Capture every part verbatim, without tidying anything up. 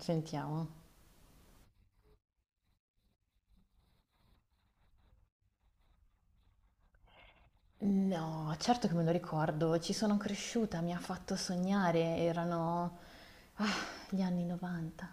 Sentiamo. No, certo che me lo ricordo, ci sono cresciuta, mi ha fatto sognare, erano ah, gli anni novanta.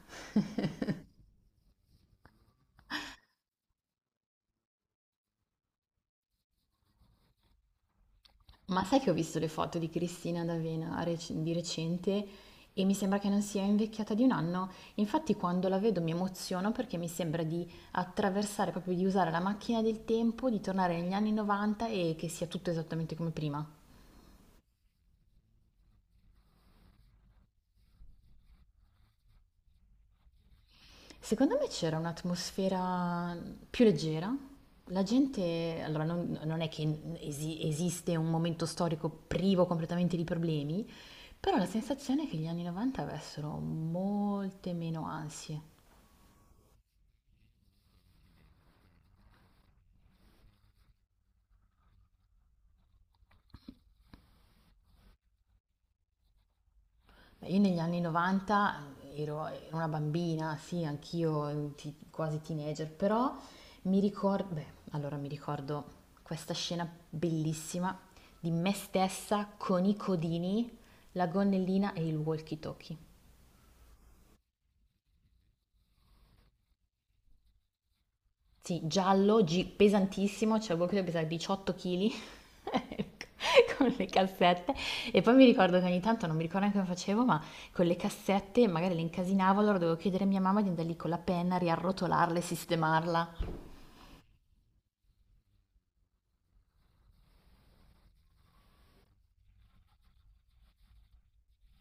Ma sai che ho visto le foto di Cristina D'Avena rec- di recente e mi sembra che non sia invecchiata di un anno. Infatti quando la vedo mi emoziono perché mi sembra di attraversare, proprio di usare la macchina del tempo, di tornare negli anni novanta e che sia tutto esattamente come prima. Secondo me c'era un'atmosfera più leggera. La gente, allora non, non è che esi- esiste un momento storico privo completamente di problemi, però la sensazione è che gli anni novanta avessero molte meno ansie. Io negli anni novanta ero ero una bambina, sì, anch'io mm, ti quasi teenager, però mi ricor beh, allora mi ricordo questa scena bellissima di me stessa con i codini, la gonnellina e il walkie talkie. Sì, giallo, gi- pesantissimo, cioè proprio pesava diciotto chili con le cassette. E poi mi ricordo che ogni tanto, non mi ricordo neanche come facevo, ma con le cassette magari le incasinavo, allora dovevo chiedere a mia mamma di andare lì con la penna, riarrotolarla e sistemarla.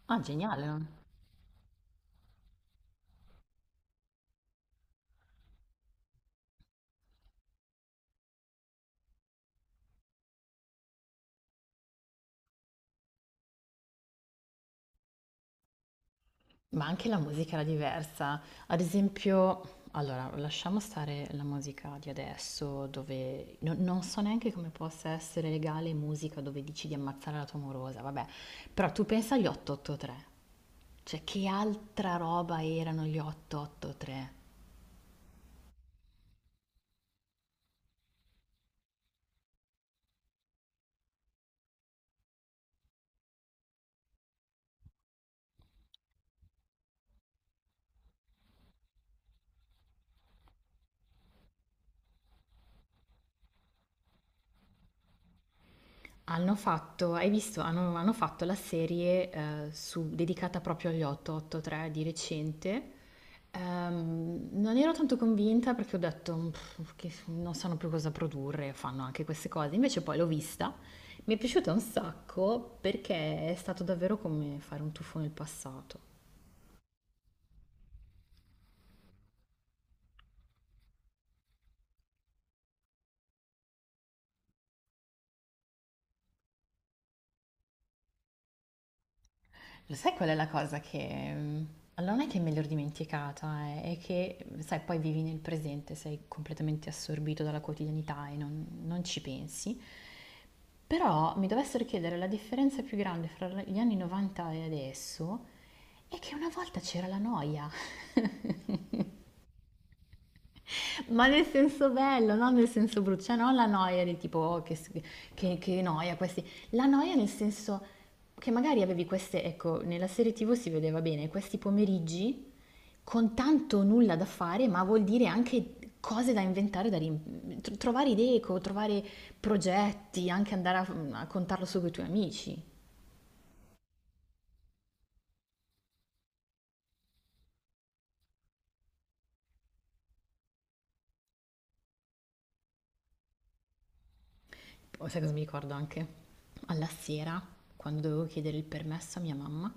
Ah, geniale, no? Ma anche la musica era diversa. Ad esempio, allora, lasciamo stare la musica di adesso, dove no- non so neanche come possa essere legale musica dove dici di ammazzare la tua morosa, vabbè. Però tu pensa agli otto otto tre. Cioè, che altra roba erano gli otto otto tre? Hanno fatto, hai visto, hanno, hanno fatto la serie eh, su- dedicata proprio agli otto otto tre di recente. Ehm, non ero tanto convinta perché ho detto "Pff, che non sanno più cosa produrre, fanno anche queste cose. Invece poi l'ho vista, mi è piaciuta un sacco perché è stato davvero come fare un tuffo nel passato. Lo sai qual è la cosa che... mm, allora non è che me l'ero dimenticata, eh, è che, sai, poi vivi nel presente, sei completamente assorbito dalla quotidianità e non, non ci pensi. Però mi dovessero chiedere la differenza più grande fra gli anni novanta e adesso è che una volta c'era la noia. Ma nel senso bello, non nel senso brutto, cioè non la noia del tipo "Oh, che, s- che- che noia questi, la noia nel senso che magari avevi queste, ecco, nella serie tivù si vedeva bene, questi pomeriggi con tanto nulla da fare, ma vuol dire anche cose da inventare, da rim- tro- trovare idee, co- trovare progetti, anche andare a, a contarlo su con i tuoi amici. Oh, sai cosa mi ricordo anche? Alla sera, quando dovevo chiedere il permesso a mia mamma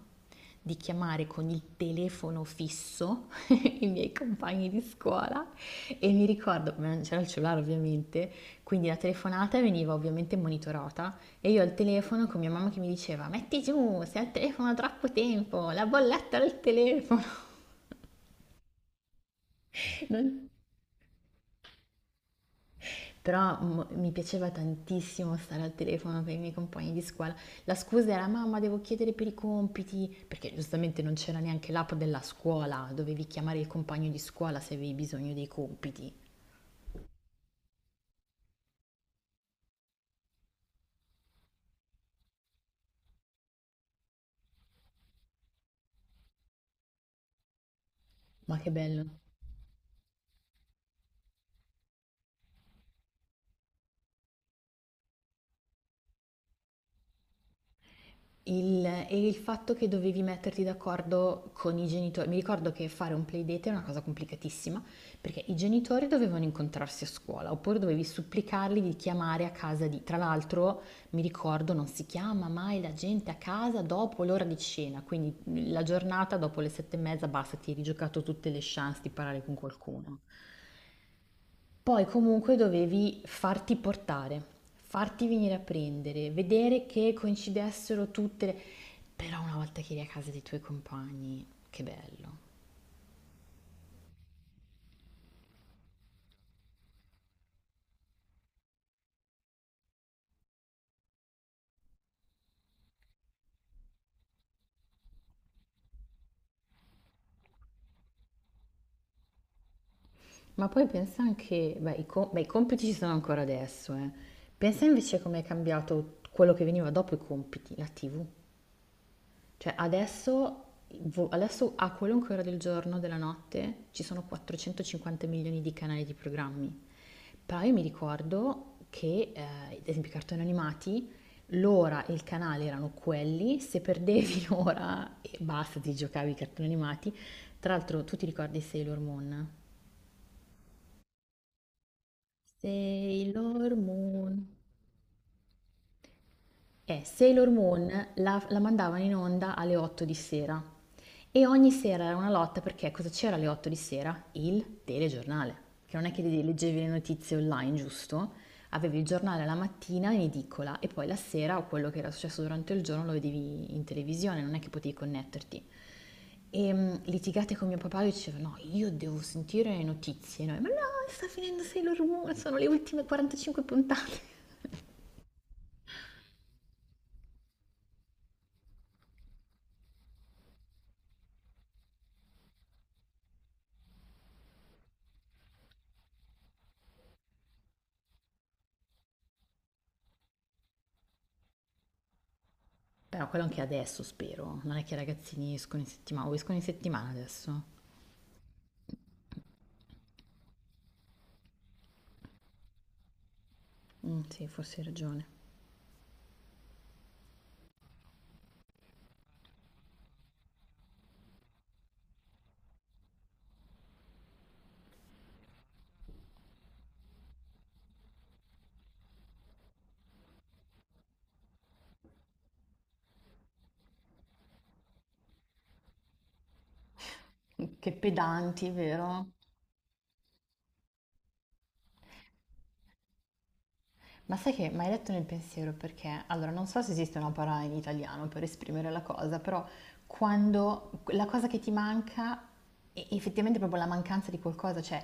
di chiamare con il telefono fisso i miei compagni di scuola e mi ricordo, ma non c'era il cellulare ovviamente, quindi la telefonata veniva ovviamente monitorata e io al telefono con mia mamma che mi diceva metti giù, sei al telefono da troppo tempo, la bolletta del telefono. Non Però m- mi piaceva tantissimo stare al telefono con i miei compagni di scuola. La scusa era mamma, devo chiedere per i compiti, perché giustamente non c'era neanche l'app della scuola, dovevi chiamare il compagno di scuola se avevi bisogno dei compiti. Ma che bello. Il, e il fatto che dovevi metterti d'accordo con i genitori, mi ricordo che fare un playdate è una cosa complicatissima, perché i genitori dovevano incontrarsi a scuola, oppure dovevi supplicarli di chiamare a casa di... Tra l'altro, mi ricordo, non si chiama mai la gente a casa dopo l'ora di cena, quindi la giornata dopo le sette e mezza basta, ti eri giocato tutte le chance di parlare con qualcuno. Poi comunque dovevi farti portare, farti venire a prendere, vedere che coincidessero tutte le... Però una volta che eri a casa dei tuoi compagni, che bello. Ma poi pensa anche, beh, i, co- beh, i compiti ci sono ancora adesso, eh. Pensa invece come è cambiato quello che veniva dopo i compiti, la ti vu. Cioè adesso, vo- adesso a qualunque ora del giorno, della notte, ci sono 450 milioni di canali di programmi. Però io mi ricordo che, eh, ad esempio, i cartoni animati, l'ora e il canale erano quelli, se perdevi l'ora e basta, ti giocavi i cartoni animati. Tra l'altro, tu ti ricordi Sailor Moon? Sailor Moon. Eh, Sailor Moon la, la mandavano in onda alle otto di sera. E ogni sera era una lotta perché cosa c'era alle otto di sera? Il telegiornale, che non è che leggevi le notizie online, giusto? Avevi il giornale la mattina in edicola e poi la sera o quello che era successo durante il giorno lo vedevi in televisione, non è che potevi connetterti. E mh, litigate con mio papà, lui diceva no, io devo sentire le notizie, noi, ma no, sta finendo Sailor Moon, sono le ultime quarantacinque puntate. Però quello anche adesso, spero. Non è che i ragazzini escono in settimana, o escono in settimana adesso? Mm, sì, forse hai ragione. Che pedanti, vero? Ma sai che mi hai letto nel pensiero perché, allora, non so se esiste una parola in italiano per esprimere la cosa, però quando la cosa che ti manca è effettivamente proprio la mancanza di qualcosa, cioè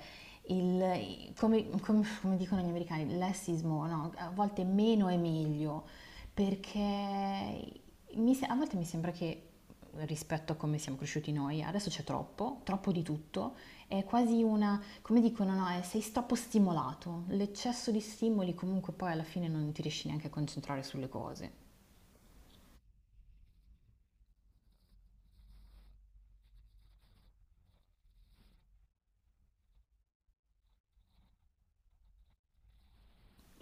il, come, come- come dicono gli americani, lessismo, no? A volte meno è meglio, perché mi se- a volte mi sembra che rispetto a come siamo cresciuti noi, adesso c'è troppo, troppo di tutto. È quasi una, come dicono, no, è- sei troppo stimolato. L'eccesso di stimoli comunque poi alla fine non ti riesci neanche a concentrare sulle cose.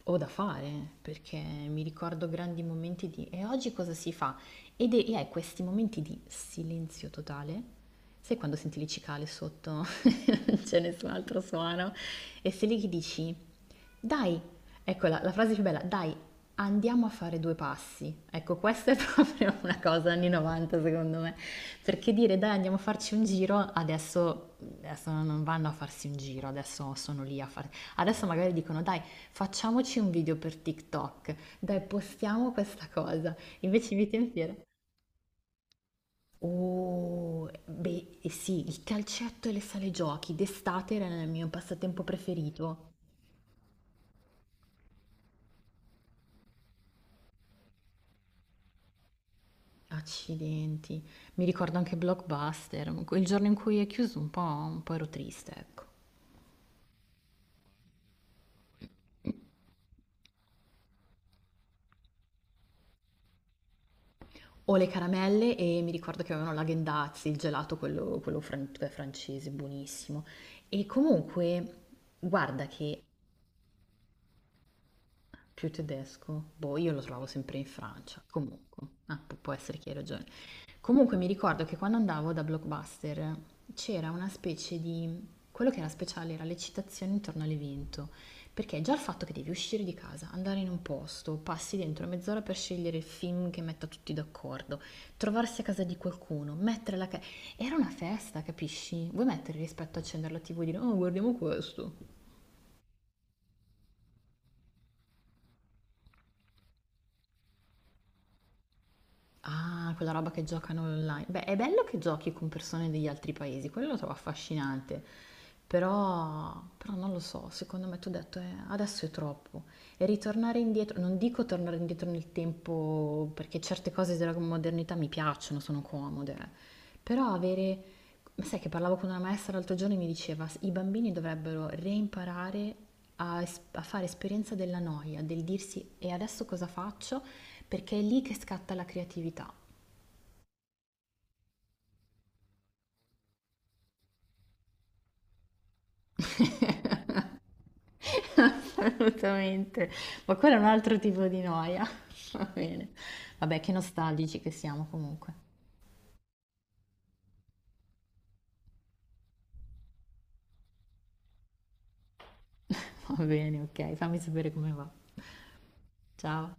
Ho da fare, perché mi ricordo grandi momenti di e oggi cosa si fa? Ed è, e hai questi momenti di silenzio totale. Sai quando senti le cicale sotto, non c'è nessun altro suono, e sei lì che dici, dai, ecco la, la frase più bella, dai, andiamo a fare due passi. Ecco, questa è proprio una cosa anni novanta secondo me, perché dire dai andiamo a farci un giro, adesso, adesso non vanno a farsi un giro, adesso sono lì a fare, adesso magari dicono dai Facciamoci un video per TikTok, dai, postiamo questa cosa. Invece i miei tempi era... Oh, beh, eh sì, il calcetto e le sale giochi d'estate era il mio passatempo preferito. Accidenti, mi ricordo anche Blockbuster, il giorno in cui è chiuso un po', un po' ero triste, ecco. Ho le caramelle e mi ricordo che avevano la Gendazzi, il gelato, quello, quello fran- cioè francese, buonissimo. E comunque, guarda che Più tedesco? Boh, io lo trovavo sempre in Francia. Comunque, ah, pu- può essere che hai ragione. Comunque mi ricordo che quando andavo da Blockbuster c'era una specie di... Quello che era speciale era l'eccitazione intorno all'evento, perché già il fatto che devi uscire di casa, andare in un posto, passi dentro mezz'ora per scegliere il film che metta tutti d'accordo, trovarsi a casa di qualcuno, mettere la... ca- Era una festa, capisci? Vuoi mettere rispetto a accendere la tivù e dire, oh, guardiamo questo. Ah, quella roba che giocano online. Beh, è bello che giochi con persone degli altri paesi, quello lo trovo affascinante. Però, però non lo so, secondo me tu hai detto, eh, adesso è troppo. E ritornare indietro, non dico tornare indietro nel tempo, perché certe cose della modernità mi piacciono, sono comode, eh. Però avere, ma sai che parlavo con una maestra l'altro giorno e mi diceva, i bambini dovrebbero reimparare a, es- a fare esperienza della noia, del dirsi e adesso cosa faccio? Perché è lì che scatta la creatività. Assolutamente, ma quello è un altro tipo di noia. Va bene. Vabbè, che nostalgici che siamo comunque. Va bene, ok, fammi sapere come va. Ciao.